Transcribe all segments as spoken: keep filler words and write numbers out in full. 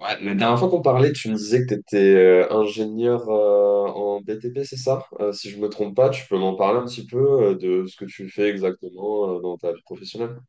Ouais, la dernière fois qu'on parlait, tu me disais que tu étais ingénieur euh, en B T P, c'est ça? Euh, si je me trompe pas, tu peux m'en parler un petit peu euh, de ce que tu fais exactement euh, dans ta vie professionnelle?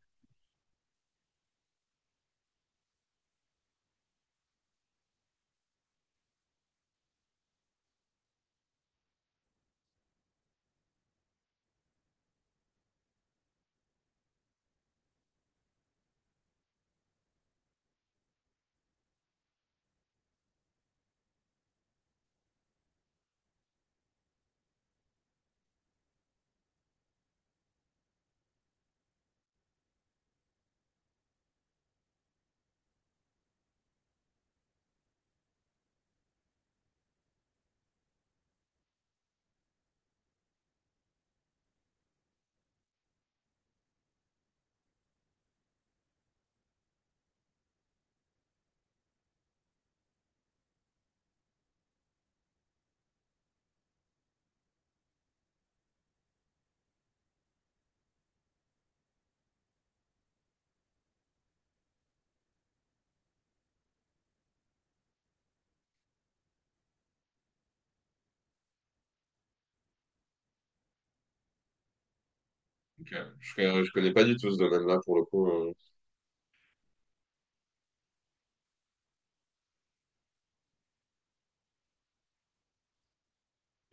Ok. Je ne connais pas du tout ce domaine-là pour le coup. euh.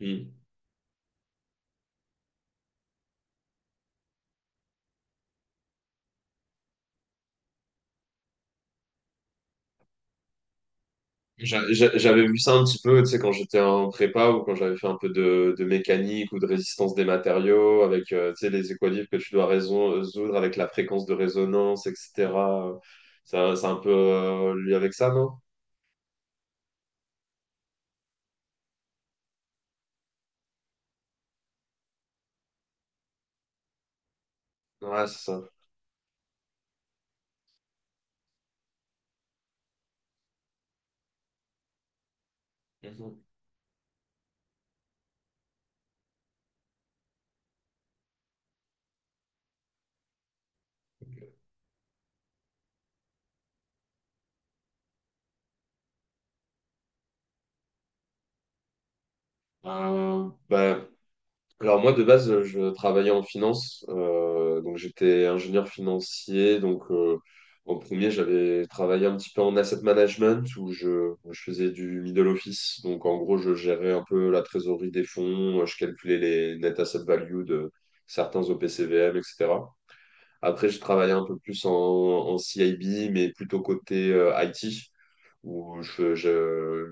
Hmm. J'a- j'a- J'avais vu ça un petit peu, tu sais, quand j'étais en prépa ou quand j'avais fait un peu de, de mécanique ou de résistance des matériaux avec, euh, tu sais, les équilibres que tu dois raison- résoudre avec la fréquence de résonance, et cetera. Ça, c'est un peu euh, lié avec ça, non? Ouais, c'est ça. Mhm. Euh, bah, Alors moi de base je travaillais en finance, euh, donc j'étais ingénieur financier, donc euh, en premier j'avais travaillé un petit peu en asset management où je, où je faisais du middle office, donc en gros je gérais un peu la trésorerie des fonds, euh, je calculais les net asset value de certains O P C V M, et cetera. Après je travaillais un peu plus en, en C I B mais plutôt côté euh, I T où je, je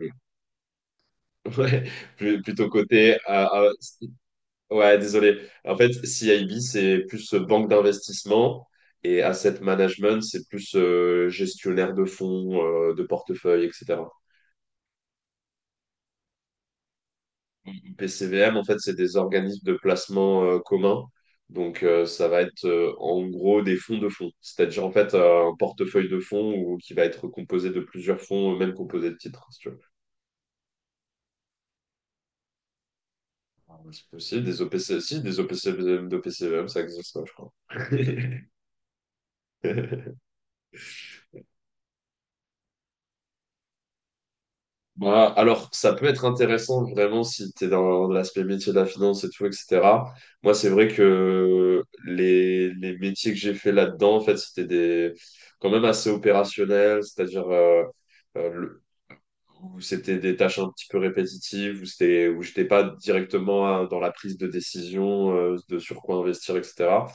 ouais, plus- plutôt côté euh, euh, ouais, désolé. En fait, C I B, c'est plus euh, banque d'investissement et asset management, c'est plus euh, gestionnaire de fonds, euh, de portefeuille, et cetera. P C V M, en fait, c'est des organismes de placement euh, communs. Donc, euh, ça va être euh, en gros des fonds de fonds. C'est-à-dire, en fait, euh, un portefeuille de fonds ou, qui va être composé de plusieurs fonds, euh, même composé de titres, si tu veux. Ah, c'est possible, des O P C, si, des O P C, de P C V M, ça existe, ouais, je crois. Bah, alors, ça peut être intéressant vraiment si tu es dans l'aspect métier de la finance et tout, et cetera. Moi, c'est vrai que les, les métiers que j'ai fait là-dedans, en fait, c'était des quand même assez opérationnels, c'est-à-dire euh, euh, le- où c'était des tâches un petit peu répétitives, où c'était où j'étais pas directement euh, dans la prise de décision euh, de sur quoi investir, et cetera.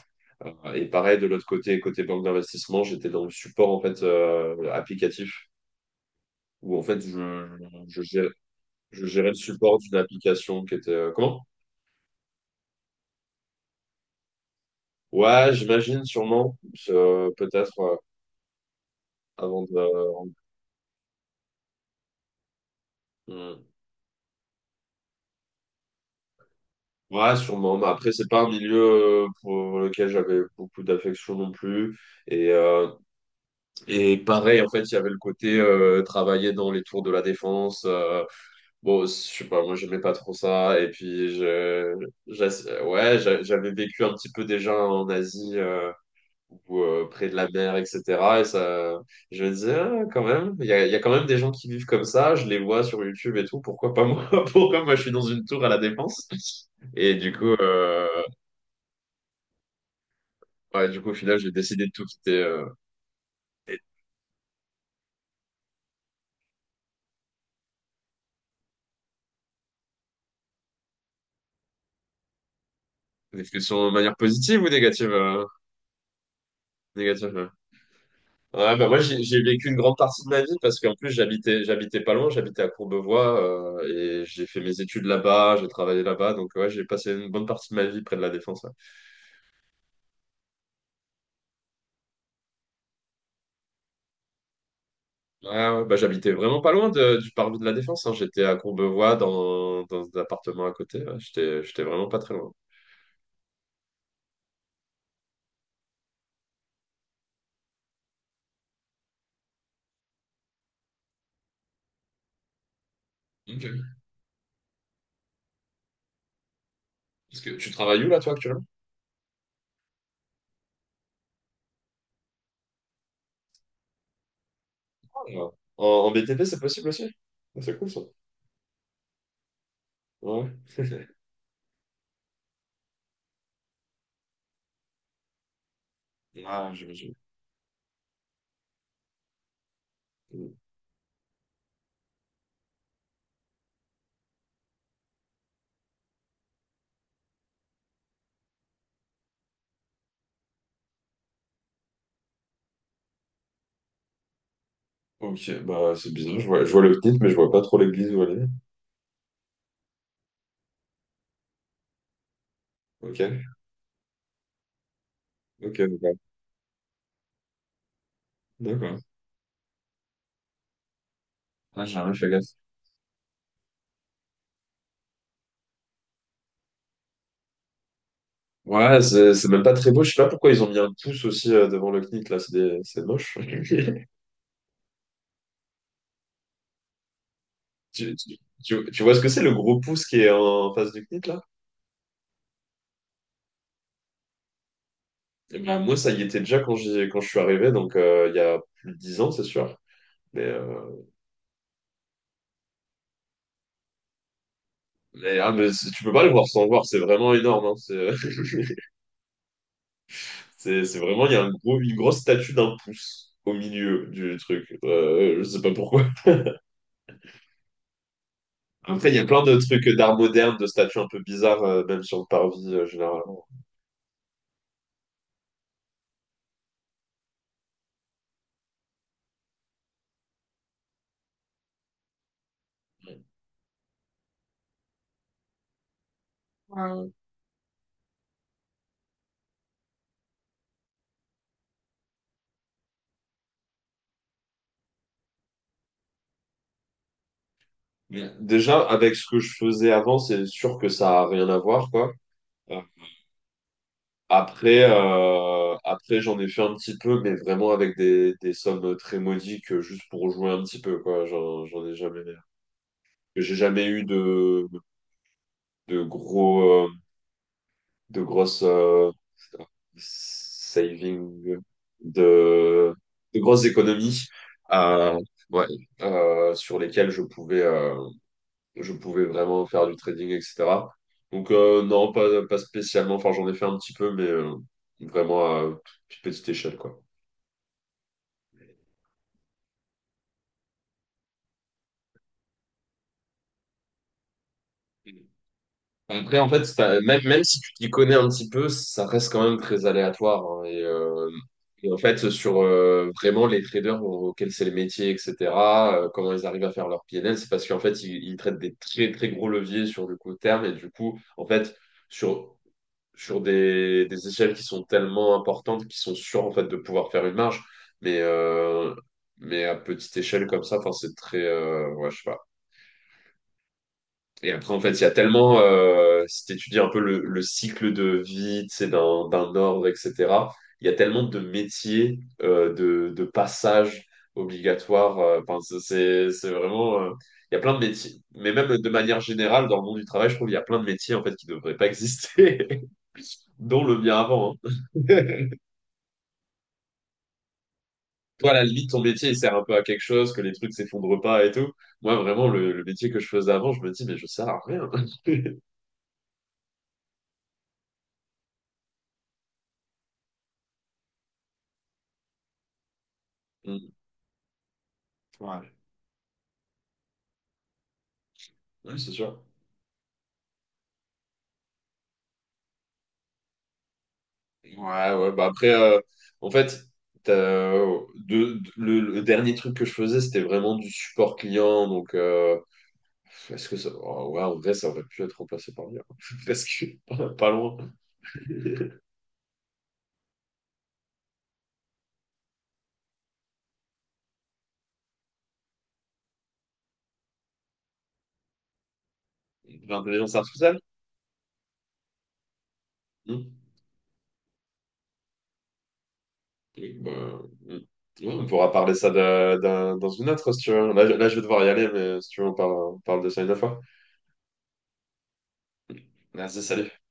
Euh, Et pareil, de l'autre côté, côté banque d'investissement, j'étais dans le support en fait euh, applicatif, où en fait je, je, je gérais le support d'une application qui était. Euh, comment? Ouais, j'imagine, sûrement. Euh, peut-être euh, avant de. Hmm. Ouais, sûrement. Mais après, c'est pas un milieu euh, pour lequel j'avais beaucoup d'affection non plus. Et, euh, et pareil, en fait, il y avait le côté euh, travailler dans les tours de la Défense. Euh, bon, je sais pas, moi, j'aimais pas trop ça. Et puis, je, j'ass- ouais, j'a- j'avais vécu un petit peu déjà en Asie. Euh, ou euh, près de la mer, et cetera. Et ça, je me disais, ah, quand même, il y a, il y a quand même des gens qui vivent comme ça, je les vois sur YouTube et tout, pourquoi pas moi? Pourquoi moi je suis dans une tour à la Défense? Et du coup, euh, ouais, du coup, au final, j'ai décidé de tout quitter. Euh, et- Est-ce que sur de manière positive ou négative? Euh, négative, ouais. Ouais, bah moi, j'ai j'ai vécu une grande partie de ma vie parce qu'en plus, j'habitais, j'habitais pas loin, j'habitais à Courbevoie, euh, et j'ai fait mes études là-bas, j'ai travaillé là-bas, donc ouais, j'ai passé une bonne partie de ma vie près de la Défense. Ah ouais, bah, j'habitais vraiment pas loin de- du parvis de la Défense, hein. J'étais à Courbevoie dans, dans un appartement à côté. Ouais. J'étais, j'étais vraiment pas très loin. Ok. Parce que tu travailles où là, toi, actuellement? Ouais. En, en B T P, c'est possible aussi? Ah, c'est cool ça. Ouais. Ah, j'imagine. Mm. Ok, bah c'est bizarre. Je vois, je vois le cnit, mais je vois pas trop l'église où elle est. Ok, ok, ok. D'accord. Ah, j'ai jamais fait gaffe. Ouais, c'est c'est même pas très beau. Je sais pas pourquoi ils ont mis un pouce aussi euh, devant le cnit, là. C'est des- c'est moche. Tu, tu, tu- Tu vois ce que c'est le gros pouce qui est en face du cnit là? Eh ben, moi, ça y était déjà quand j'ai, quand je suis arrivé, donc euh, il y a plus de dix ans, c'est sûr. Mais, euh, mais, ah, mais c'est- Tu peux pas le voir sans le voir, c'est vraiment énorme, hein. C'est c'est- C'est vraiment, il y a un gros, une grosse statue d'un pouce au milieu du truc. Euh, je sais pas pourquoi. Après, il y a plein de trucs d'art moderne, de statues un peu bizarres, euh, même sur le parvis, euh, généralement. Mais déjà, avec ce que je faisais avant, c'est sûr que ça a rien à voir, quoi. Euh, Après, euh, après j'en ai fait un petit peu, mais vraiment avec des, des sommes très modiques, euh, juste pour jouer un petit peu, quoi. J'en, j'en ai jamais, j'ai jamais eu de, de gros, euh, de grosses euh, saving, de, de grosses économies, euh, ouais, euh, sur lesquelles je pouvais, euh, je pouvais vraiment faire du trading, et cetera. Donc euh, non, pas, pas spécialement. Enfin, j'en ai fait un petit peu, mais euh, vraiment à toute petite échelle, quoi. Après, en fait, c'est pas- même, même si tu t'y connais un petit peu, ça reste quand même très aléatoire, hein. et, euh, et en fait, sur euh, vraiment les traders auxquels c'est les métiers, et cetera, euh, comment ils arrivent à faire leur P N L, c'est parce qu'en fait, ils, ils traitent des très, très gros leviers sur le court terme. Et du coup, en fait, sur, sur des, des échelles qui sont tellement importantes qu'ils sont sûrs, en fait, de pouvoir faire une marge. Mais, euh, mais à petite échelle comme ça, enfin, c'est très. Euh, ouais, je sais pas. Et après, en fait, il y a tellement, euh, si tu étudies un peu le, le cycle de vie, tu sais, d'un, d'un ordre, et cetera, il y a tellement de métiers, euh, de, de passages obligatoires. euh, Enfin, c'est, c'est c'est vraiment, euh, il y a plein de métiers. Mais même de manière générale, dans le monde du travail, je trouve qu'il y a plein de métiers, en fait, qui ne devraient pas exister, dont le mien avant, hein. Toi, à la limite, ton métier, il sert un peu à quelque chose, que les trucs s'effondrent pas et tout. Moi, vraiment, le, le métier que je faisais avant, je me dis, mais je sers à rien. Mm. Ouais. Oui, c'est sûr. Ouais, ouais, bah après, euh, en fait, t'as, de, de- le, le dernier truc que je faisais, c'était vraiment du support client. Donc, euh, est-ce que ça. Oh, ouais, en vrai, ça aurait pu être remplacé par l'I A. Parce que pas, pas loin. L'intelligence artificielle? Hmm. Et, bah, hmm. Ouais, on pourra parler ça d'un- d'un- dans une autre, si tu veux. Là, je là, je vais devoir y aller, mais si tu veux, on parle, on parle de ça une autre fois. Merci, salut.